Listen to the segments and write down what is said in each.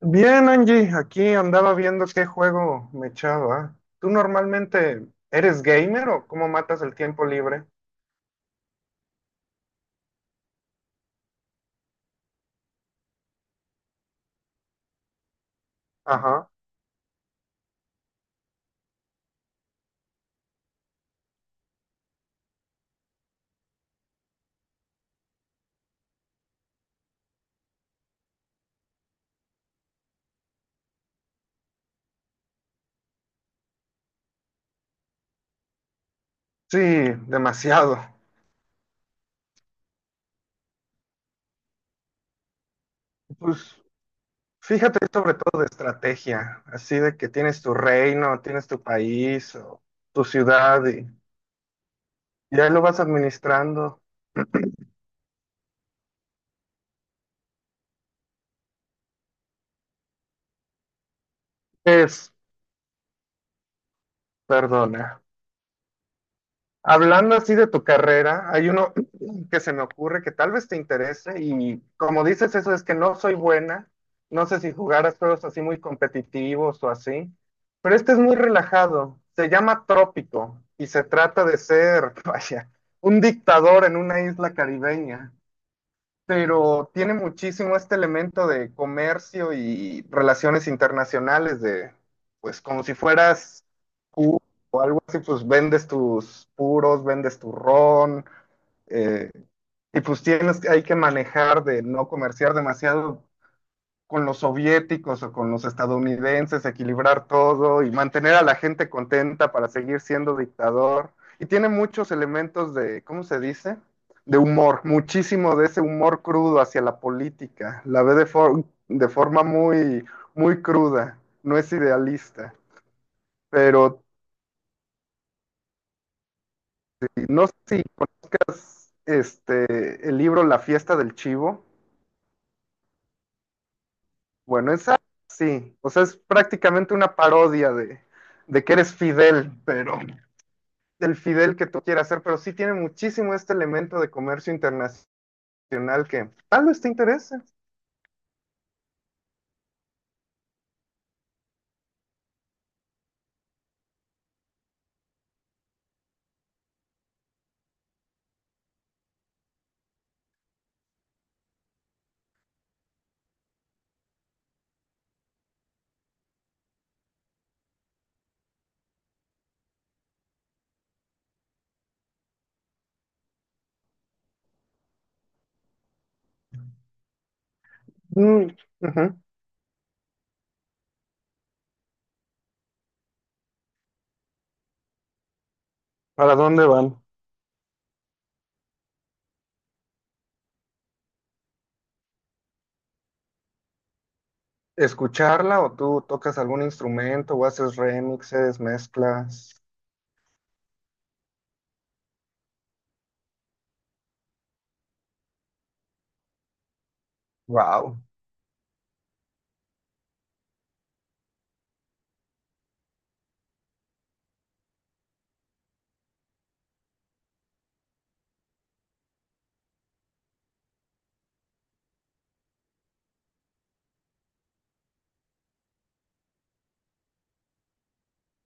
Bien, Angie, aquí andaba viendo qué juego me echaba. ¿Tú normalmente eres gamer o cómo matas el tiempo libre? Ajá. Sí, demasiado. Pues fíjate, sobre todo de estrategia, así de que tienes tu reino, tienes tu país o tu ciudad y ya lo vas administrando. Es, perdona. Hablando así de tu carrera, hay uno que se me ocurre que tal vez te interese y como dices eso es que no soy buena, no sé si jugaras juegos así muy competitivos o así, pero este es muy relajado, se llama Trópico y se trata de ser, vaya, un dictador en una isla caribeña, pero tiene muchísimo este elemento de comercio y relaciones internacionales, de pues como si fueras, y pues vendes tus puros, vendes tu ron, eh, y pues tienes, hay que manejar de no comerciar demasiado con los soviéticos o con los estadounidenses, equilibrar todo y mantener a la gente contenta para seguir siendo dictador. Y tiene muchos elementos de, ¿cómo se dice? De humor, muchísimo de ese humor crudo hacia la política. La ve de, de forma muy, muy cruda, no es idealista. Pero no sé si este, el libro La fiesta del chivo. Bueno, esa sí, o sea, es prácticamente una parodia de que eres Fidel, pero del Fidel que tú quieras ser, pero sí tiene muchísimo este elemento de comercio internacional que tal vez te interese. Mm, ujú. ¿Para dónde van? ¿Escucharla o tú tocas algún instrumento o haces remixes, mezclas? Wow.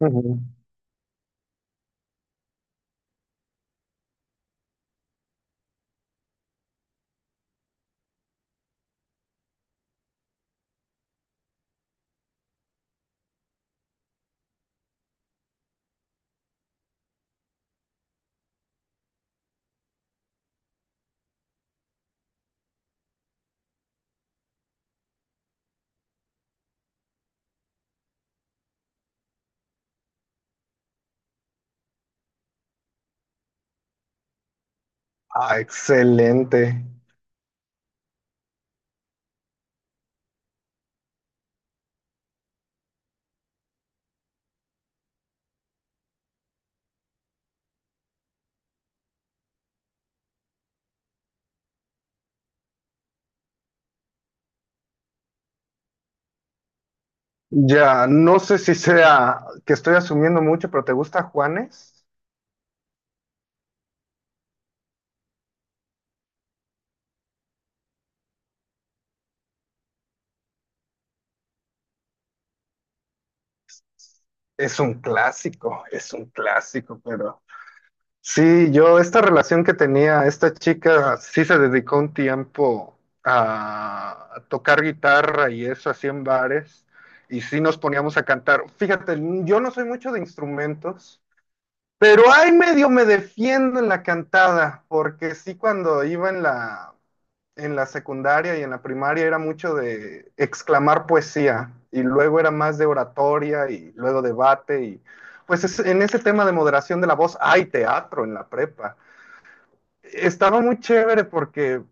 Ujú. Ah, excelente. Ya, no sé si sea que estoy asumiendo mucho, pero ¿te gusta Juanes? Es un clásico, pero sí, yo esta relación que tenía esta chica sí se dedicó un tiempo a tocar guitarra y eso así en bares y sí nos poníamos a cantar. Fíjate, yo no soy mucho de instrumentos. Pero ahí medio me defiendo en la cantada, porque sí cuando iba en la secundaria y en la primaria era mucho de exclamar poesía y luego era más de oratoria y luego debate y pues en ese tema de moderación de la voz hay teatro en la prepa, estaba muy chévere porque,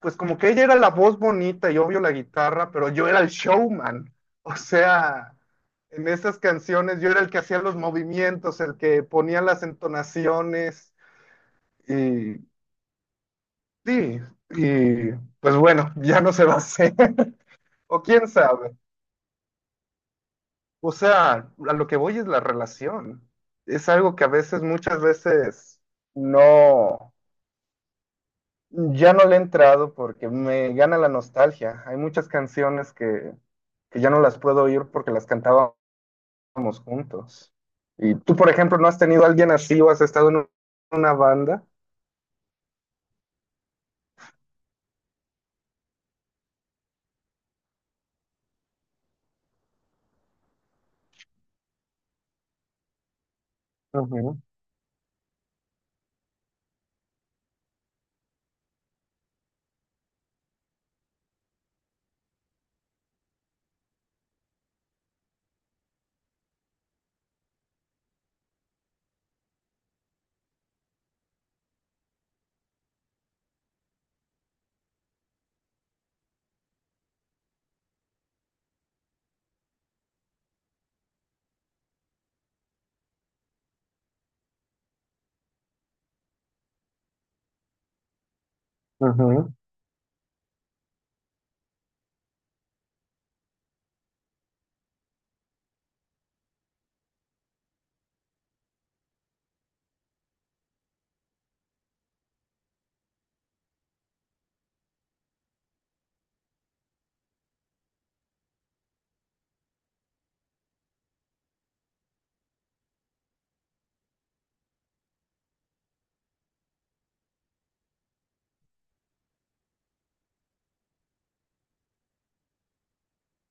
pues como que ella era la voz bonita y obvio la guitarra, pero yo era el showman. O sea, en esas canciones yo era el que hacía los movimientos, el que ponía las entonaciones y sí, y pues bueno, ya no se va a hacer. O quién sabe. O sea, a lo que voy es la relación. Es algo que a veces, muchas veces, no. Ya no le he entrado porque me gana la nostalgia. Hay muchas canciones que ya no las puedo oír porque las cantábamos juntos. Y tú, por ejemplo, ¿no has tenido a alguien así o has estado en una banda? Ujú, ujú.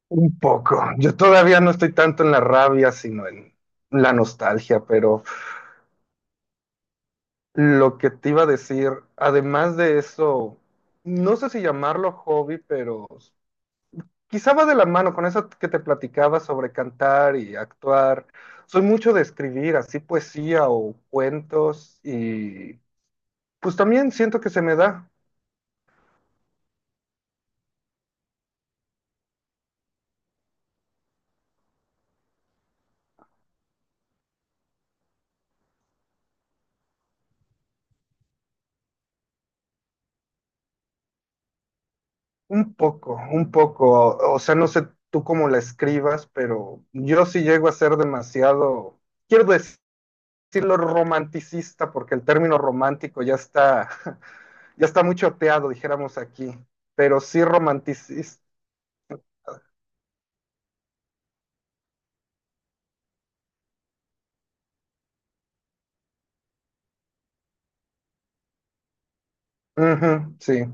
Un poco. Yo todavía no estoy tanto en la rabia, sino en la nostalgia, pero lo que te iba a decir, además de eso, no sé si llamarlo hobby, pero quizá va de la mano con eso que te platicaba sobre cantar y actuar. Soy mucho de escribir así poesía o cuentos y pues también siento que se me da un poco, un poco. O sea, no sé tú cómo la escribas, pero yo sí llego a ser demasiado, quiero decirlo romanticista, porque el término romántico ya está, ya está muy choteado, dijéramos aquí, pero sí romanticista. Ujú, sí.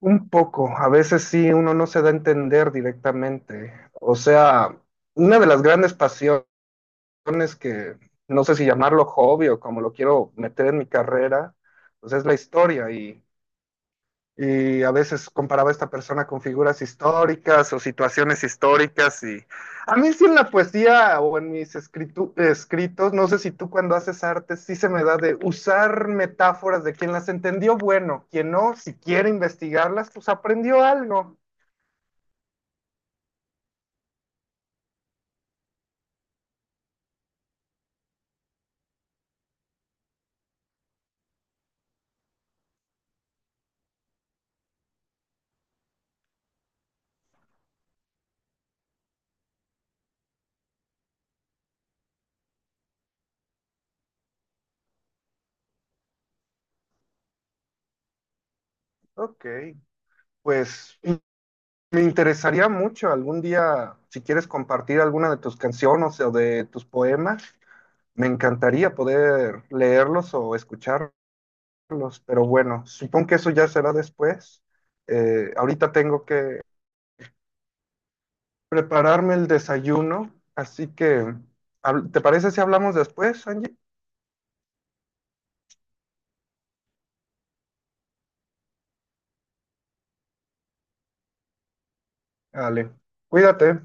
Un poco, a veces sí, uno no se da a entender directamente. O sea, una de las grandes pasiones que no sé si llamarlo hobby o como lo quiero meter en mi carrera, pues es la historia, y a veces comparaba a esta persona con figuras históricas o situaciones históricas y a mí sí en la poesía o en mis escritos, no sé si tú cuando haces arte, sí se me da de usar metáforas de quien las entendió, bueno, quien no, si quiere investigarlas, pues aprendió algo. Ok, pues me interesaría mucho algún día, si quieres compartir alguna de tus canciones o de tus poemas, me encantaría poder leerlos o escucharlos. Carlos, pero bueno, supongo que eso ya será después. Ahorita tengo que prepararme el desayuno, así que, ¿te parece si hablamos después, Angie? Dale, cuídate.